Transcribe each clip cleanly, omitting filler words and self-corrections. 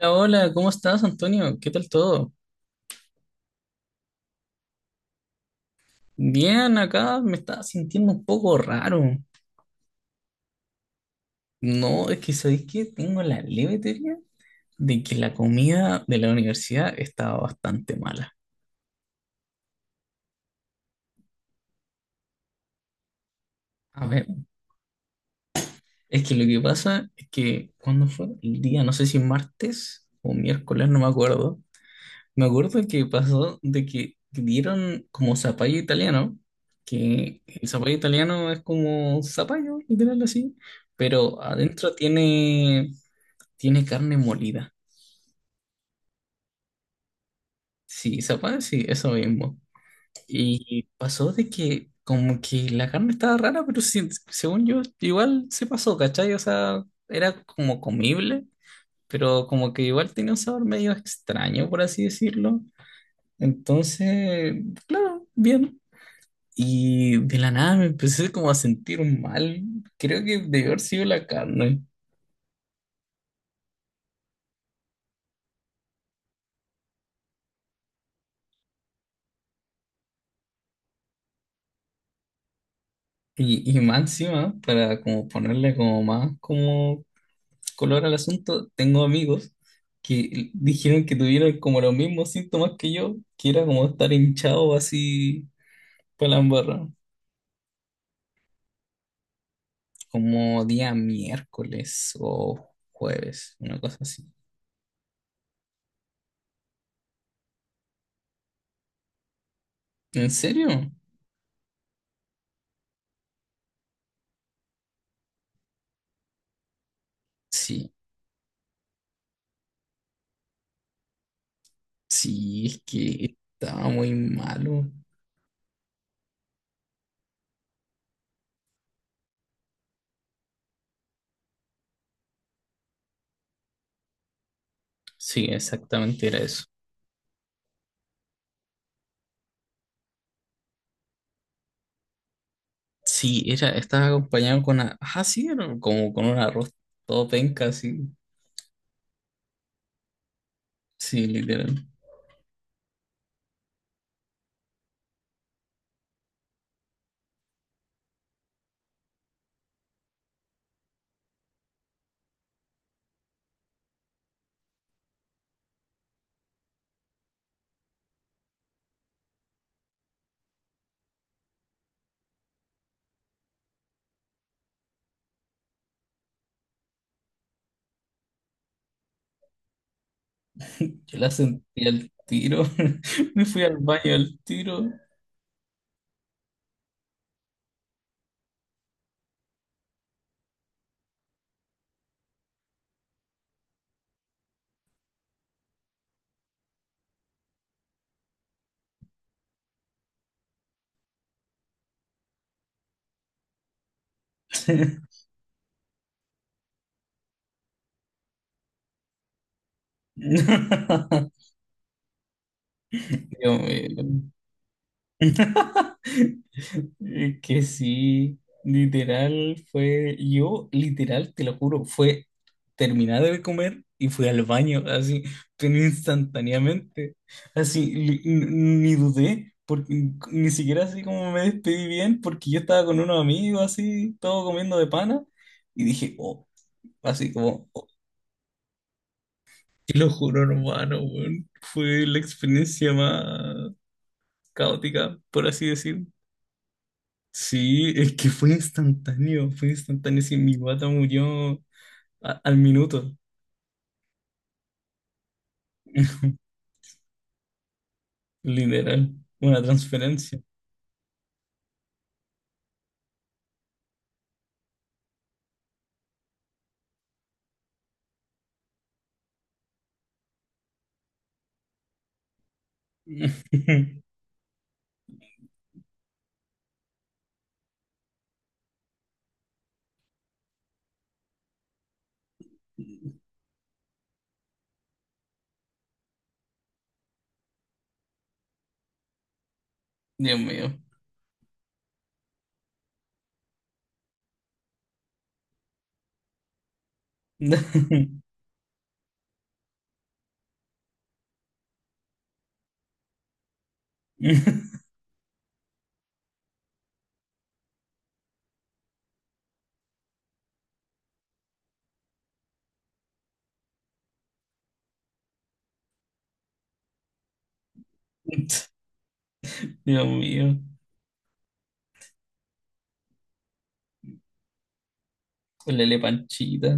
Hola, hola, ¿cómo estás, Antonio? ¿Qué tal todo? Bien, acá me estaba sintiendo un poco raro. No, es que ¿sabéis qué? Tengo la leve teoría de que la comida de la universidad estaba bastante mala. A ver, es que lo que pasa es que cuando fue el día, no sé si martes o miércoles, no me acuerdo. Me acuerdo que pasó de que dieron como zapallo italiano, que el zapallo italiano es como zapallo, literal así, pero adentro tiene carne molida. Sí, sopa, sí, eso mismo. Y pasó de que como que la carne estaba rara, pero sí, según yo, igual se pasó, ¿cachai? O sea, era como comible, pero como que igual tenía un sabor medio extraño, por así decirlo. Entonces, claro, bien. Y de la nada me empecé como a sentir mal. Creo que debió haber sido la carne. Y más encima, para como ponerle como más como color al asunto, tengo amigos que dijeron que tuvieron como los mismos síntomas que yo, que era como estar hinchado así para la embarra, como día miércoles o jueves, una cosa así. ¿En serio? Sí, sí, es que estaba muy malo. Sí, exactamente era eso. Sí, era, estaba acompañado con una, ah, sí, era como con un arroz todo penca, así, sí, literal. Yo la sentí al tiro. Me fui al baño al tiro. Dios mío. Es que sí, literal fue, yo literal, te lo juro, fue terminar de comer y fui al baño, así, pero instantáneamente, así, ni dudé, porque ni siquiera así como me despedí bien, porque yo estaba con unos amigos, así, todo comiendo de pana, y dije, oh, así como, oh, te lo juro, hermano, weón, fue la experiencia más caótica, por así decir. Sí, es que fue instantáneo, fue instantáneo. Sí, mi guata murió al minuto. Literal, una transferencia. Dios mío. Dios mío. Lele panchita.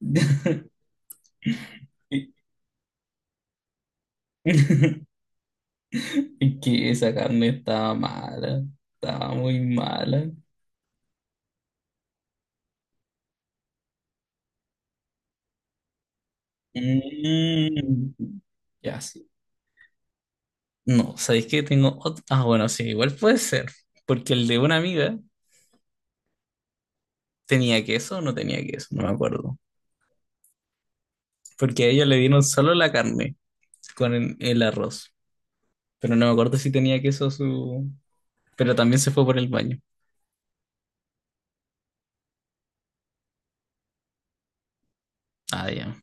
Es que esa carne estaba mala, estaba muy mala. Mm, ya sí. No, ¿sabéis qué tengo otro? Ah, bueno, sí, igual puede ser, porque el de una amiga... ¿Tenía queso o no tenía queso? No me acuerdo. Porque a ellos le dieron solo la carne con el arroz. Pero no me acuerdo si tenía queso su... Pero también se fue por el baño. Ah, ya.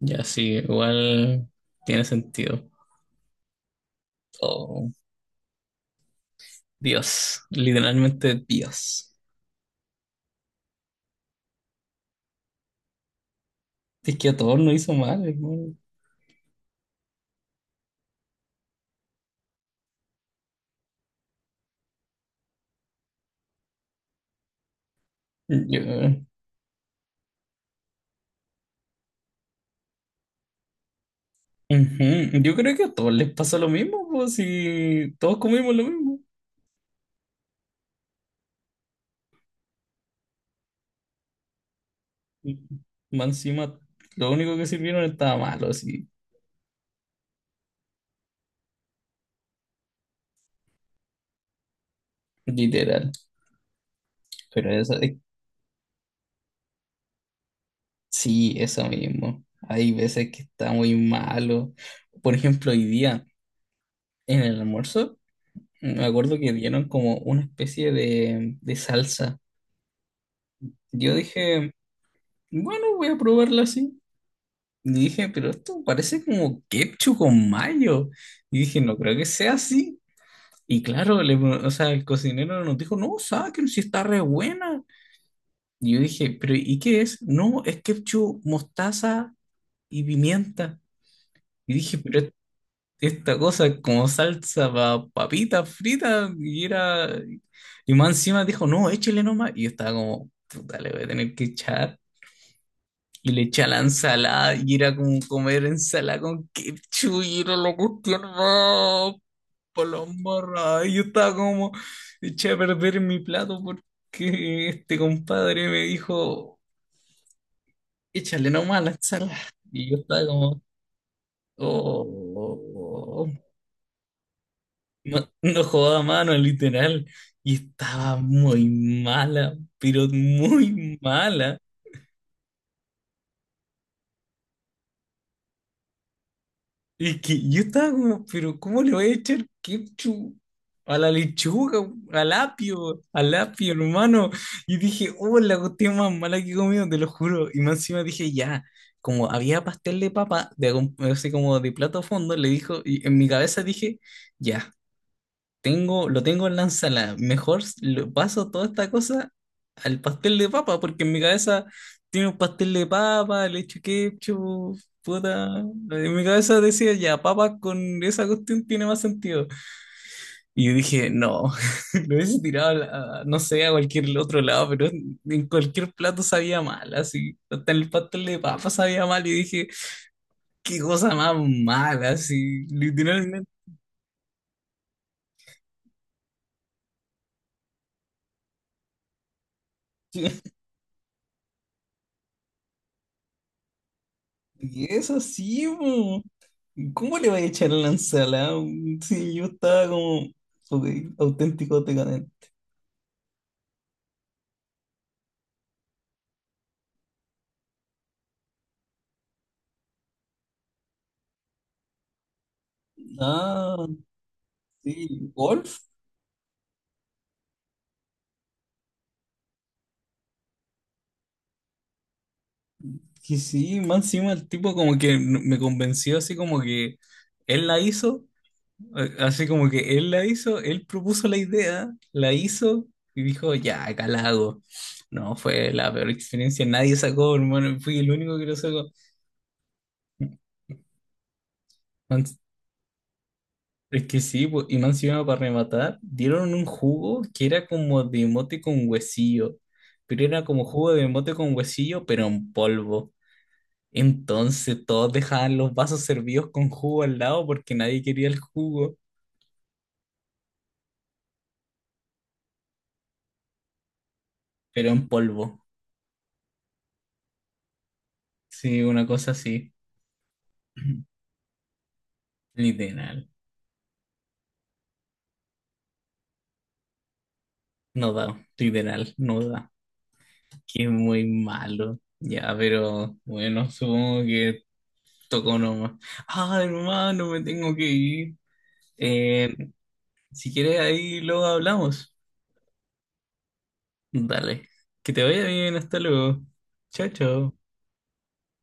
Ya sí, igual tiene sentido. Oh, Dios. Literalmente Dios. Si Es que a todos nos hizo mal, hermano. Yo, ujú. Yo creo que a todos les pasó lo mismo, pues si todos comimos lo mismo. Más encima, lo único que sirvieron estaba malo, así, literal. Pero eso, sí, eso mismo. Hay veces que está muy malo. Por ejemplo, hoy día en el almuerzo, me acuerdo que dieron como una especie de salsa. Yo dije, bueno, voy a probarla así. Y dije, pero esto parece como ketchup con mayo. Y dije, no creo que sea así. Y claro, o sea, el cocinero nos dijo, no, saquen si está re buena. Y yo dije, pero ¿y qué es? No, es ketchup, mostaza y pimienta. Y dije, pero esta cosa es como salsa para papitas fritas y era... Y más encima dijo, no, échale nomás. Y yo estaba como, puta, le voy a tener que echar. Y le eché a la ensalada y era como comer ensalada con ketchup y era la cuestión más palombarra. Y yo estaba como, eché a perder mi plato porque este compadre me dijo, échale nomás a la ensalada. Y yo estaba como... Oh, no, no jugaba a mano, literal. Y estaba muy mala, pero muy mala. Y que yo estaba como, pero ¿cómo le voy a echar ketchup a la lechuga, al apio, hermano? Y dije, oh, la cuestión más mala que he comido, te lo juro. Y más encima dije, ya, como había pastel de papa, así como de plato a fondo, le dijo, y en mi cabeza dije, ya. Tengo, lo tengo en la ensalada. Mejor lo paso toda esta cosa al pastel de papa, porque en mi cabeza tiene un pastel de papa, le echo ketchup, puta. En mi cabeza decía, ya, papa con esa cuestión tiene más sentido. Y yo dije, no, lo hubiese tirado, no sé, a cualquier otro lado, pero en cualquier plato sabía mal, así. Hasta en el pastel de papa sabía mal y dije, qué cosa más mala, así, literalmente. Y eso sí, po. ¿Cómo le voy a echar a la ensalada? Sí, yo estaba como ok, auténtico decadente. Ah, sí, Wolf, que sí, más encima el tipo como que me convenció así como que él la hizo, así como que él la hizo, él propuso la idea, la hizo y dijo, ya, acá la hago. No, fue la peor experiencia, nadie sacó, hermano, fui el único que lo sacó. Es que sí, po, y más encima para rematar, dieron un jugo que era como de mote con huesillo, pero era como jugo de mote con huesillo, pero en polvo. Entonces todos dejaban los vasos servidos con jugo al lado porque nadie quería el jugo, pero en polvo. Sí, una cosa así. Literal. No da, literal, no da. Que muy malo. Ya, pero bueno, supongo que tocó nomás. Ah, hermano, me tengo que ir. Eh, Si quieres, ahí luego hablamos. Dale. Que te vaya bien, hasta luego. Chao, chao.